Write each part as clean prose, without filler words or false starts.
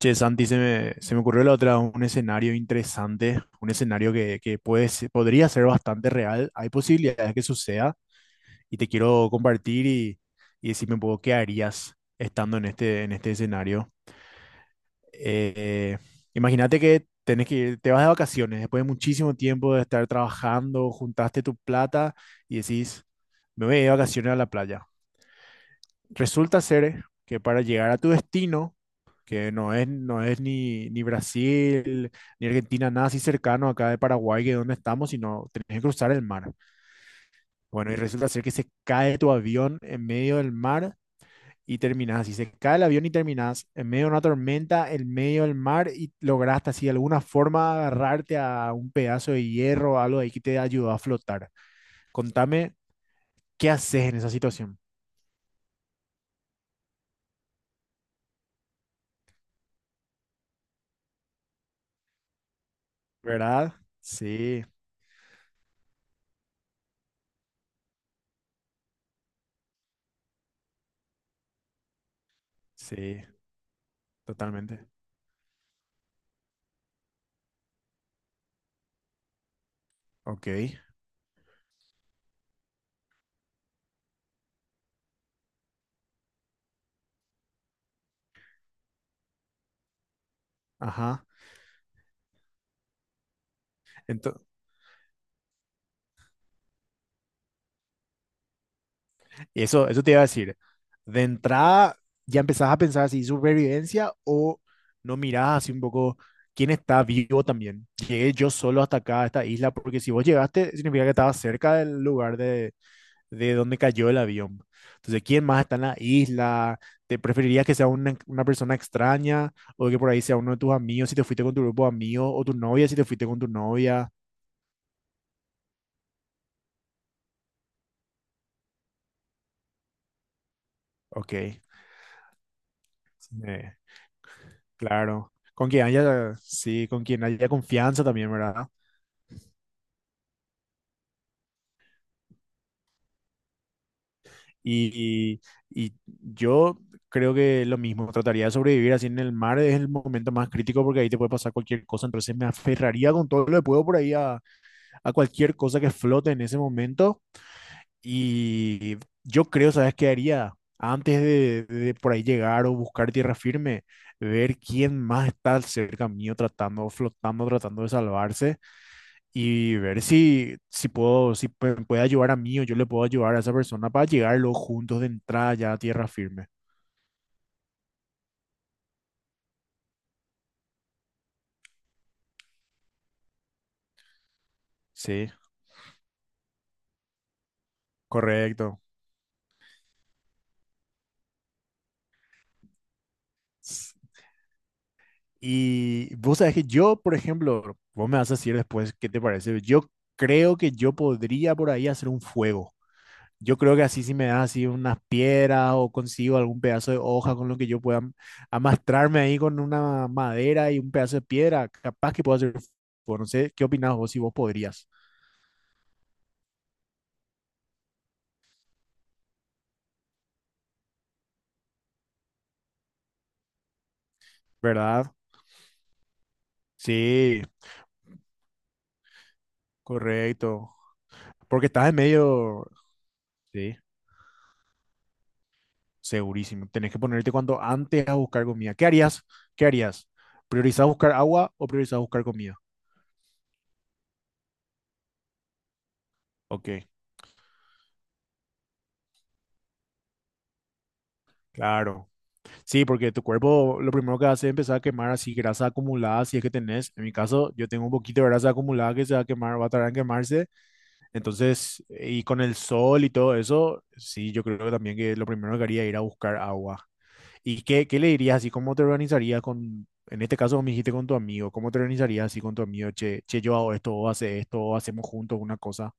Che, Santi, se me ocurrió la otra, un escenario interesante, un escenario que podría ser bastante real. Hay posibilidades que suceda y te quiero compartir y decirme un poco qué harías estando en este escenario. Eh, Imagínate que te vas de vacaciones después de muchísimo tiempo de estar trabajando, juntaste tu plata y decís, me voy de vacaciones a la playa. Resulta ser que para llegar a tu destino, que no es ni Brasil, ni Argentina, nada así cercano acá de Paraguay, que es donde estamos, sino tenés que cruzar el mar. Bueno, y resulta ser que se cae tu avión en medio del mar y terminás así. Se cae el avión y terminás en medio de una tormenta, en medio del mar y lograste así de alguna forma agarrarte a un pedazo de hierro o algo ahí que te ayudó a flotar. Contame, ¿qué haces en esa situación? ¿Verdad? Sí, sí, totalmente. Ok, ajá. Ento- Eso, eso te iba a decir. De entrada, ya empezás a pensar si supervivencia o no mirás así un poco quién está vivo también. Llegué yo solo hasta acá, a esta isla, porque si vos llegaste, significa que estabas cerca del lugar de donde cayó el avión. Entonces, ¿quién más está en la isla? ¿Te preferirías que sea una persona extraña o que por ahí sea uno de tus amigos si te fuiste con tu grupo de amigos o tu novia si te fuiste con tu novia? Ok, claro. Con quien haya, sí, con quien haya confianza también, ¿verdad? Y, y yo creo que lo mismo, trataría de sobrevivir así en el mar, es el momento más crítico porque ahí te puede pasar cualquier cosa, entonces me aferraría con todo lo que puedo por ahí a cualquier cosa que flote en ese momento y yo creo, ¿sabes qué haría? Antes de por ahí llegar o buscar tierra firme, ver quién más está cerca mío tratando, flotando, tratando de salvarse y ver si puedo, si pu- puede ayudar a mí o yo le puedo ayudar a esa persona para llegar los juntos de entrada ya a tierra firme. Sí, correcto. S- Y vos sabés que yo, por ejemplo, vos me vas a decir después qué te parece. Yo creo que Yo podría por ahí hacer un fuego. Yo creo que así si me das así unas piedras o consigo algún pedazo de hoja con lo que yo amastrarme ahí con una madera y un pedazo de piedra, capaz que puedo hacer fuego. No sé, ¿qué opinás vos si vos podrías? ¿Verdad? Sí, correcto. Porque estás en medio, sí, segurísimo. Tenés que ponerte cuanto antes a buscar comida. ¿Qué harías? ¿Qué harías? ¿Priorizás buscar agua o priorizás buscar comida? Ok, claro. Sí, porque tu cuerpo lo primero que hace es empezar a quemar así grasa acumulada, si es que tenés. En mi caso, yo tengo un poquito de grasa acumulada que se va a quemar, va a tardar en quemarse. Entonces, y con el sol y todo eso, sí, yo creo que también que lo primero que haría es ir a buscar agua. ¿Y qué le dirías así? ¿Cómo te organizarías con, en este caso me dijiste con tu amigo, ¿cómo te organizarías así con tu amigo? Che, che, yo hago esto, o hace esto, o hacemos juntos una cosa.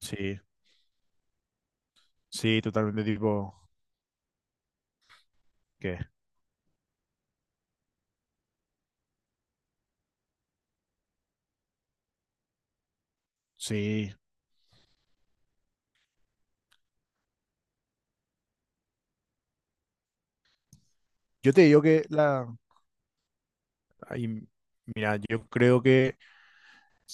Sí, sí, totalmente tipo, ¿qué? Sí. Yo te digo que la, ahí, mira, yo creo que,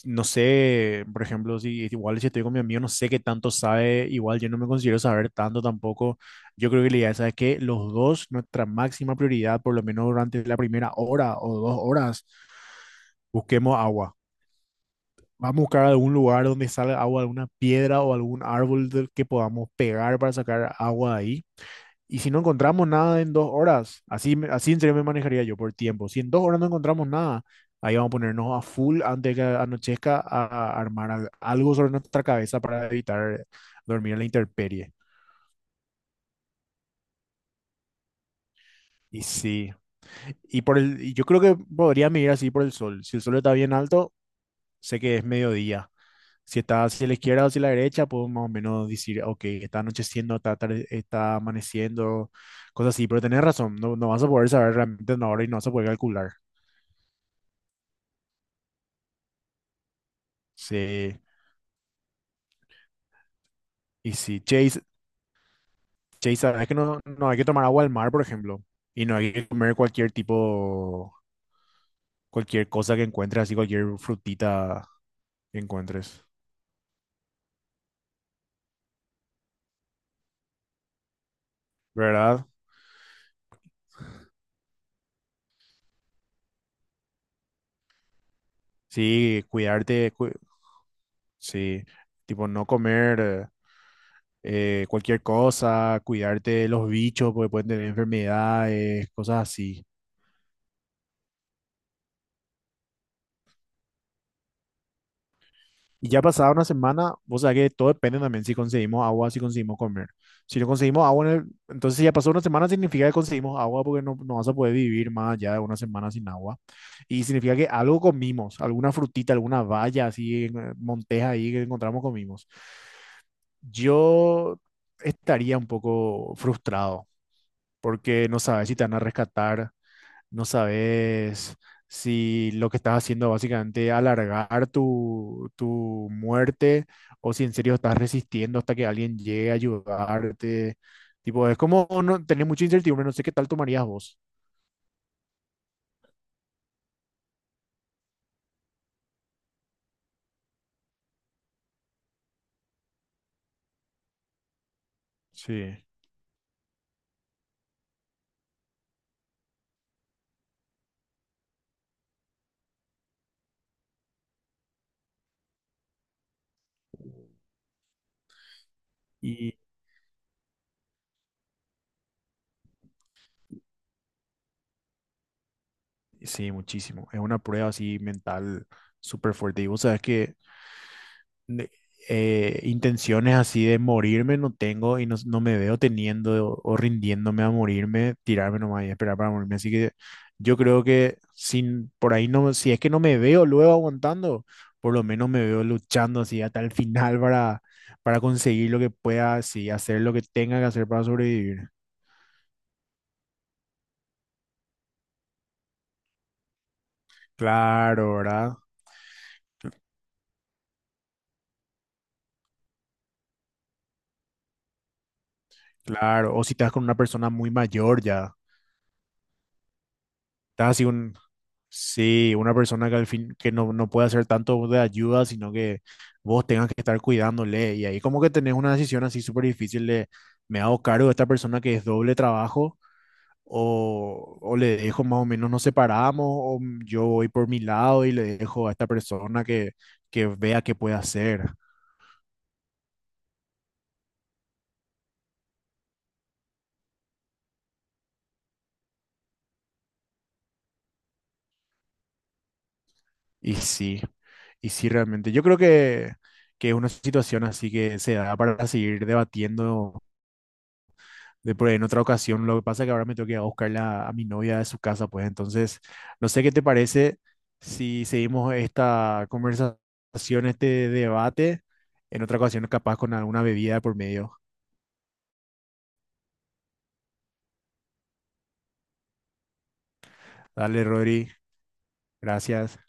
no sé, por ejemplo, si igual si estoy con mi amigo, no sé qué tanto sabe, igual yo no me considero saber tanto tampoco. Yo creo que la idea es que los dos, nuestra máxima prioridad, por lo menos durante la primera hora o dos horas, busquemos agua. Vamos a buscar algún lugar donde salga agua, alguna piedra o algún árbol del que podamos pegar para sacar agua de ahí. Y si no encontramos nada en dos horas, así, así en serio me manejaría yo por tiempo. Si en dos horas no encontramos nada, ahí vamos a ponernos a full antes de que anochezca a armar algo sobre nuestra cabeza para evitar dormir en la intemperie. Y sí, y yo creo que podría medir así por el sol. Si el sol está bien alto, sé que es mediodía. Si está hacia la izquierda o hacia la derecha, puedo más o menos decir, ok, está anocheciendo, está amaneciendo, cosas así. Pero tenés razón, no, no vas a poder saber realmente una hora y no vas a poder calcular. Sí. Y si Chase, Chase, sabes que no, no hay que tomar agua al mar, por ejemplo, y no hay que comer cualquier tipo, cualquier cosa que encuentres, así cualquier frutita que encuentres, ¿verdad? Sí, cuidarte, sí, tipo no comer. Cualquier cosa, cuidarte de los bichos porque pueden tener enfermedades, cosas así. Y ya pasada una semana, vos sabés que todo depende también si conseguimos agua, si conseguimos comer. Si no conseguimos agua, entonces si ya pasó una semana significa que conseguimos agua porque no, no vas a poder vivir más allá de una semana sin agua. Y significa que algo comimos, alguna frutita, alguna valla así, en, monteja ahí que encontramos comimos. Yo estaría un poco frustrado porque no sabes si te van a rescatar. No sabes si lo que estás haciendo básicamente alargar tu muerte o si en serio estás resistiendo hasta que alguien llegue a ayudarte. Tipo, es como no, tener mucha incertidumbre, no sé qué tal tomarías vos. Sí. Y sí, muchísimo. Es una prueba así mental súper fuerte. Y vos sabes que de- intenciones así de morirme no tengo y no, no me veo teniendo o rindiéndome a morirme, tirarme nomás y esperar para morirme. Así que yo creo que sin, por ahí no, si es que no me veo luego aguantando, por lo menos me veo luchando así hasta el final para conseguir lo que pueda, así, hacer lo que tenga que hacer para sobrevivir. Claro, ¿verdad? Claro. O si estás con una persona muy mayor ya. Estás así un, sí, una persona que al fin, que no, no puede hacer tanto de ayuda, sino que vos tengas que estar cuidándole. Y ahí como que tenés una decisión así súper difícil de, ¿me hago cargo de esta persona que es doble trabajo? O le dejo más o menos, nos separamos, o yo voy por mi lado y le dejo a esta persona que vea qué puede hacer. Y sí, y sí realmente. Yo creo que es una situación así que se da para seguir debatiendo de por ahí en otra ocasión. Lo que pasa es que ahora me tengo que ir a buscarla a mi novia de su casa, pues entonces, no sé qué te parece si seguimos esta conversación, este debate en otra ocasión, capaz con alguna bebida por medio. Dale, Rodri, gracias.